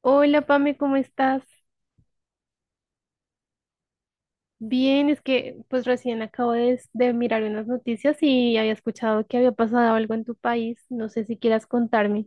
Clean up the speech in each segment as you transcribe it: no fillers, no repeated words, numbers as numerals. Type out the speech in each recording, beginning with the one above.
Hola, Pame, ¿cómo estás? Bien, es que pues recién acabo de mirar unas noticias y había escuchado que había pasado algo en tu país. No sé si quieras contarme.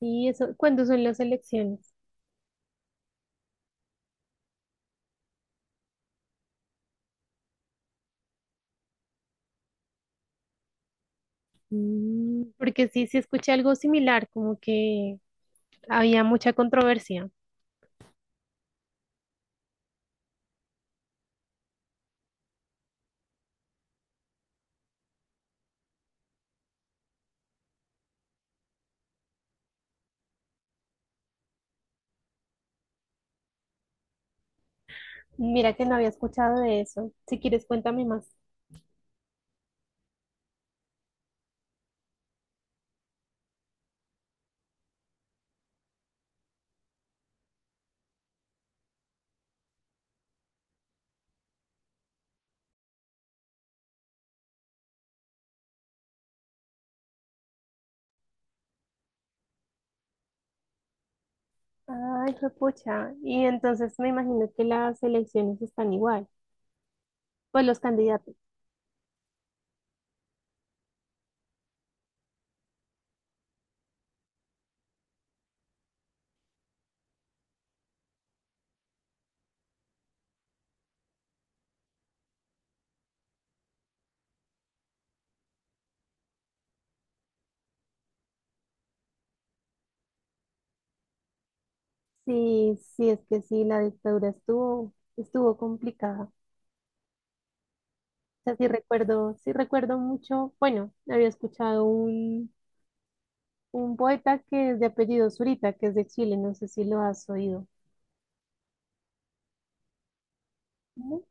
Sí, eso, ¿cuándo son las elecciones? Mm, porque sí, sí escuché algo similar, como que había mucha controversia. Mira que no había escuchado de eso. Si quieres, cuéntame más. Ay, pucha. Y entonces me imagino que las elecciones están igual. Pues los candidatos. Sí, sí, es que sí, la dictadura estuvo complicada. O sea, sí recuerdo mucho. Bueno, había escuchado un poeta que es de apellido Zurita, que es de Chile, no sé si lo has oído. ¿No?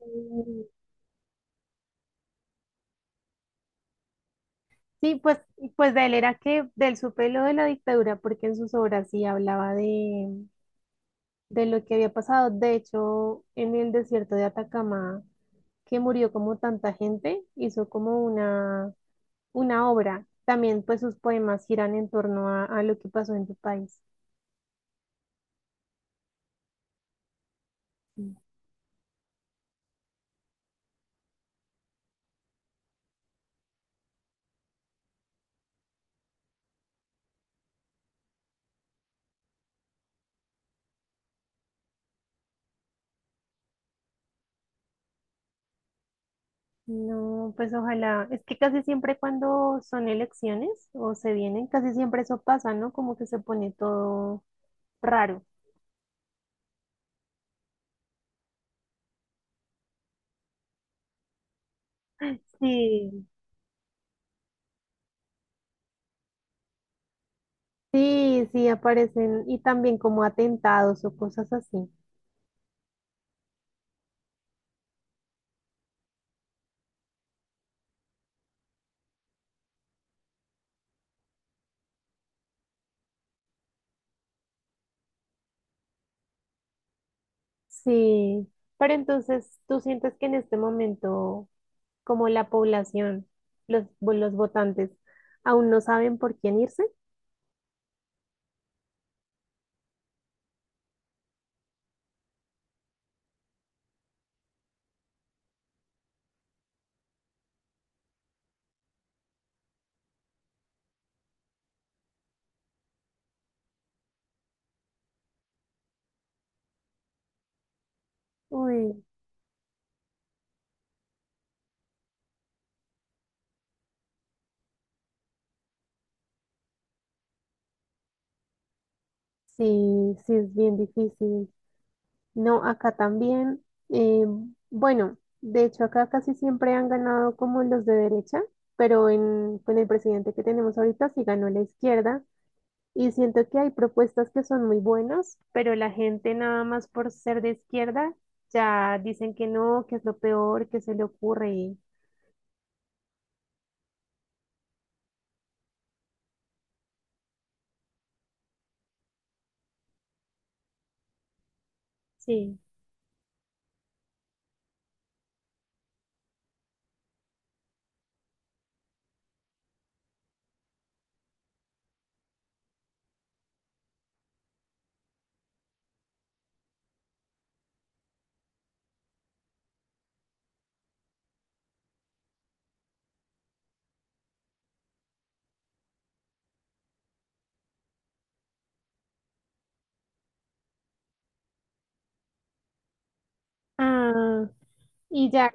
Mm. Sí, pues, pues de él era que del supe lo de la dictadura, porque en sus obras sí hablaba de lo que había pasado. De hecho, en el desierto de Atacama, que murió como tanta gente, hizo como una obra. También pues sus poemas giran en torno a lo que pasó en tu país. No, pues ojalá. Es que casi siempre cuando son elecciones o se vienen, casi siempre eso pasa, ¿no? Como que se pone todo raro. Sí. Sí, sí, aparecen y también como atentados o cosas así. Sí, pero entonces tú sientes que en este momento, como la población, los, los votantes, aún no saben por quién irse. Uy, sí, sí, es bien difícil. No, acá también, eh, bueno, de hecho acá casi siempre han ganado como los de derecha, pero en, con el presidente que tenemos ahorita sí ganó la izquierda. Y siento que hay propuestas que son muy buenas, pero la gente nada más por ser de izquierda ya dicen que no, que es lo peor, que se le ocurre. Y… Sí. Ah, y ya.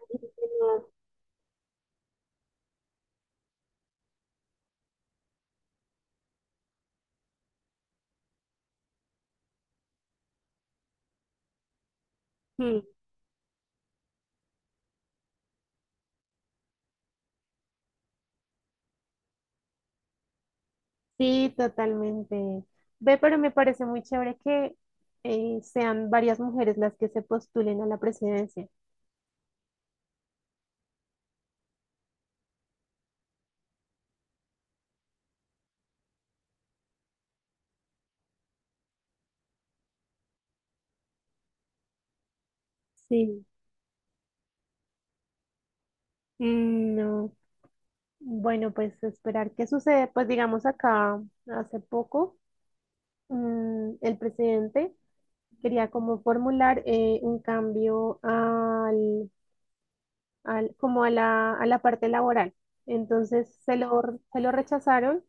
Mm. Sí, totalmente. Ve, pero me parece muy chévere que sean varias mujeres las que se postulen a la presidencia. Sí. Mm, no. Bueno, pues esperar qué sucede. Pues digamos acá hace poco. Mm, el presidente quería como formular un cambio a la parte laboral. Entonces se lo rechazaron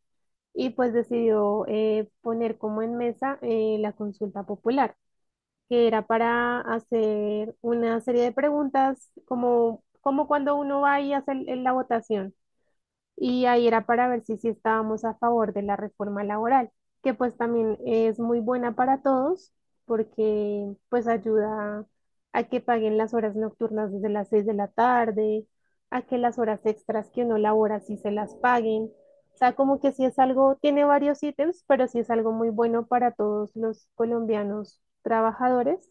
y pues decidió poner como en mesa la consulta popular, que era para hacer una serie de preguntas como, como cuando uno va y hace la votación y ahí era para ver si sí estábamos a favor de la reforma laboral, que pues también es muy buena para todos porque pues ayuda a que paguen las horas nocturnas desde las 6 de la tarde, a que las horas extras que uno labora sí se las paguen. O sea, como que sí es algo, tiene varios ítems, pero sí es algo muy bueno para todos los colombianos trabajadores,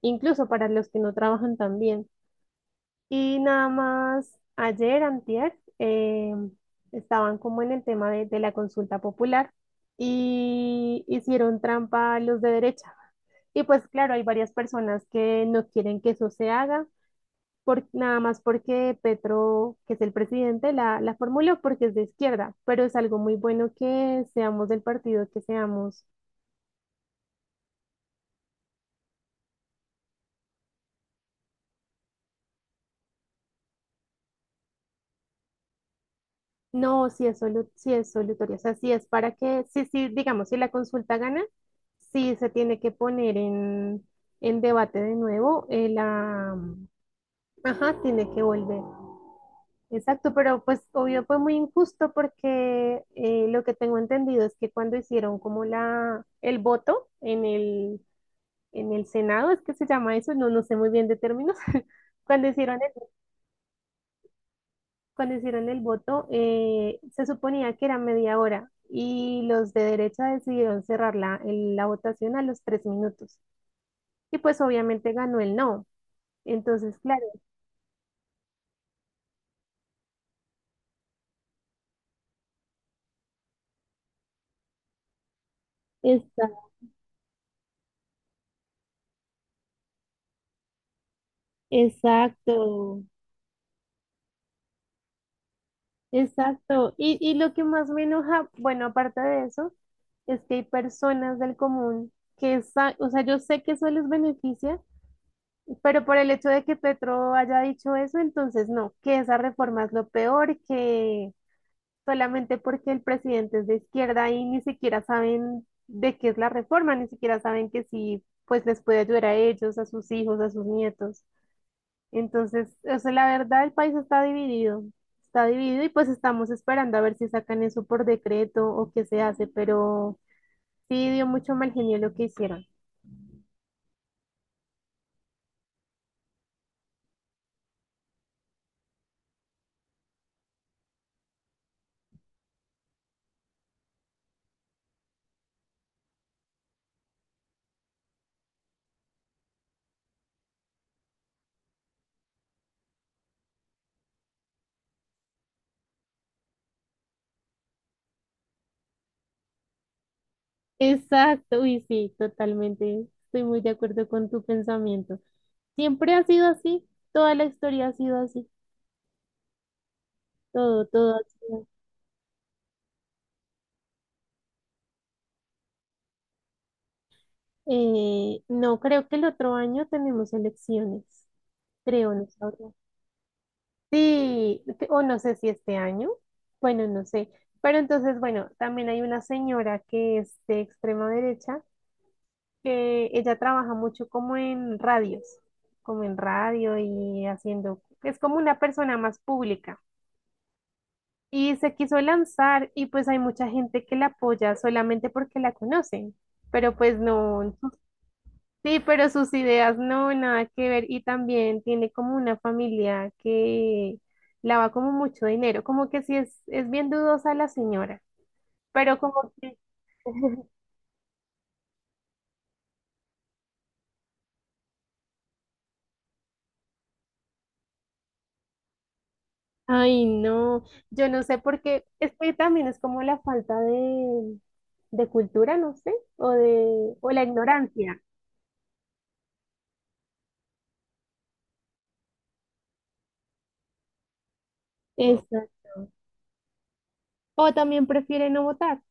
incluso para los que no trabajan también. Y nada más, ayer, antier, estaban como en el tema de la consulta popular y hicieron trampa los de derecha. Y pues claro, hay varias personas que no quieren que eso se haga, por, nada más porque Petro, que es el presidente, la formuló porque es de izquierda, pero es algo muy bueno que seamos del partido que seamos. No, si es sí es solutorio, o sea, si es para que, sí, sí, digamos, si la consulta gana, sí se tiene que poner en debate de nuevo, ajá, tiene que volver. Exacto, pero pues obvio fue muy injusto porque lo que tengo entendido es que cuando hicieron como la, el voto en el Senado, es que se llama eso, no, no sé muy bien de términos, cuando hicieron cuando hicieron el voto, se suponía que era media hora y los de derecha decidieron cerrar la votación a los tres minutos. Y pues obviamente ganó el no. Entonces, claro, está, exacto, exacto. Y lo que más me enoja, bueno, aparte de eso, es que hay personas del común que, o sea, yo sé que eso les beneficia, pero por el hecho de que Petro haya dicho eso, entonces no, que esa reforma es lo peor, que solamente porque el presidente es de izquierda y ni siquiera saben de qué es la reforma, ni siquiera saben que sí, pues les puede ayudar a ellos, a sus hijos, a sus nietos. Entonces, o sea, la verdad, el país está dividido y pues estamos esperando a ver si sacan eso por decreto o qué se hace, pero sí dio mucho mal genio lo que hicieron. Exacto, y sí, totalmente. Estoy muy de acuerdo con tu pensamiento. Siempre ha sido así, toda la historia ha sido así, todo, todo ha sido. No, creo que el otro año tenemos elecciones, creo, no sé. Ahora. Sí, o no sé si este año, bueno, no sé. Pero entonces, bueno, también hay una señora que es de extrema derecha, que ella trabaja mucho como en radios, como en radio y haciendo, es como una persona más pública. Y se quiso lanzar y pues hay mucha gente que la apoya solamente porque la conocen, pero pues no, sí, pero sus ideas no, nada que ver y también tiene como una familia que lava como mucho dinero, como que sí es bien dudosa la señora. Pero como que, ay no, yo no sé por qué, es que también es como la falta de cultura, no sé, o de, o la ignorancia. Exacto. O también prefiere no votar.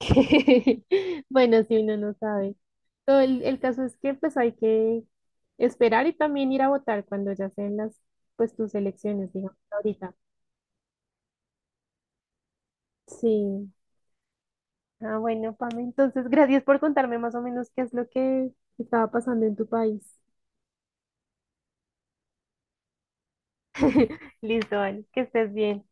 Bueno, si uno no sabe. Todo el caso es que pues hay que esperar y también ir a votar cuando ya sean las, pues tus elecciones, digamos, ahorita. Sí. Ah, bueno, Pame, entonces gracias por contarme más o menos qué es lo que estaba pasando en tu país. Listo, vale, que estés bien.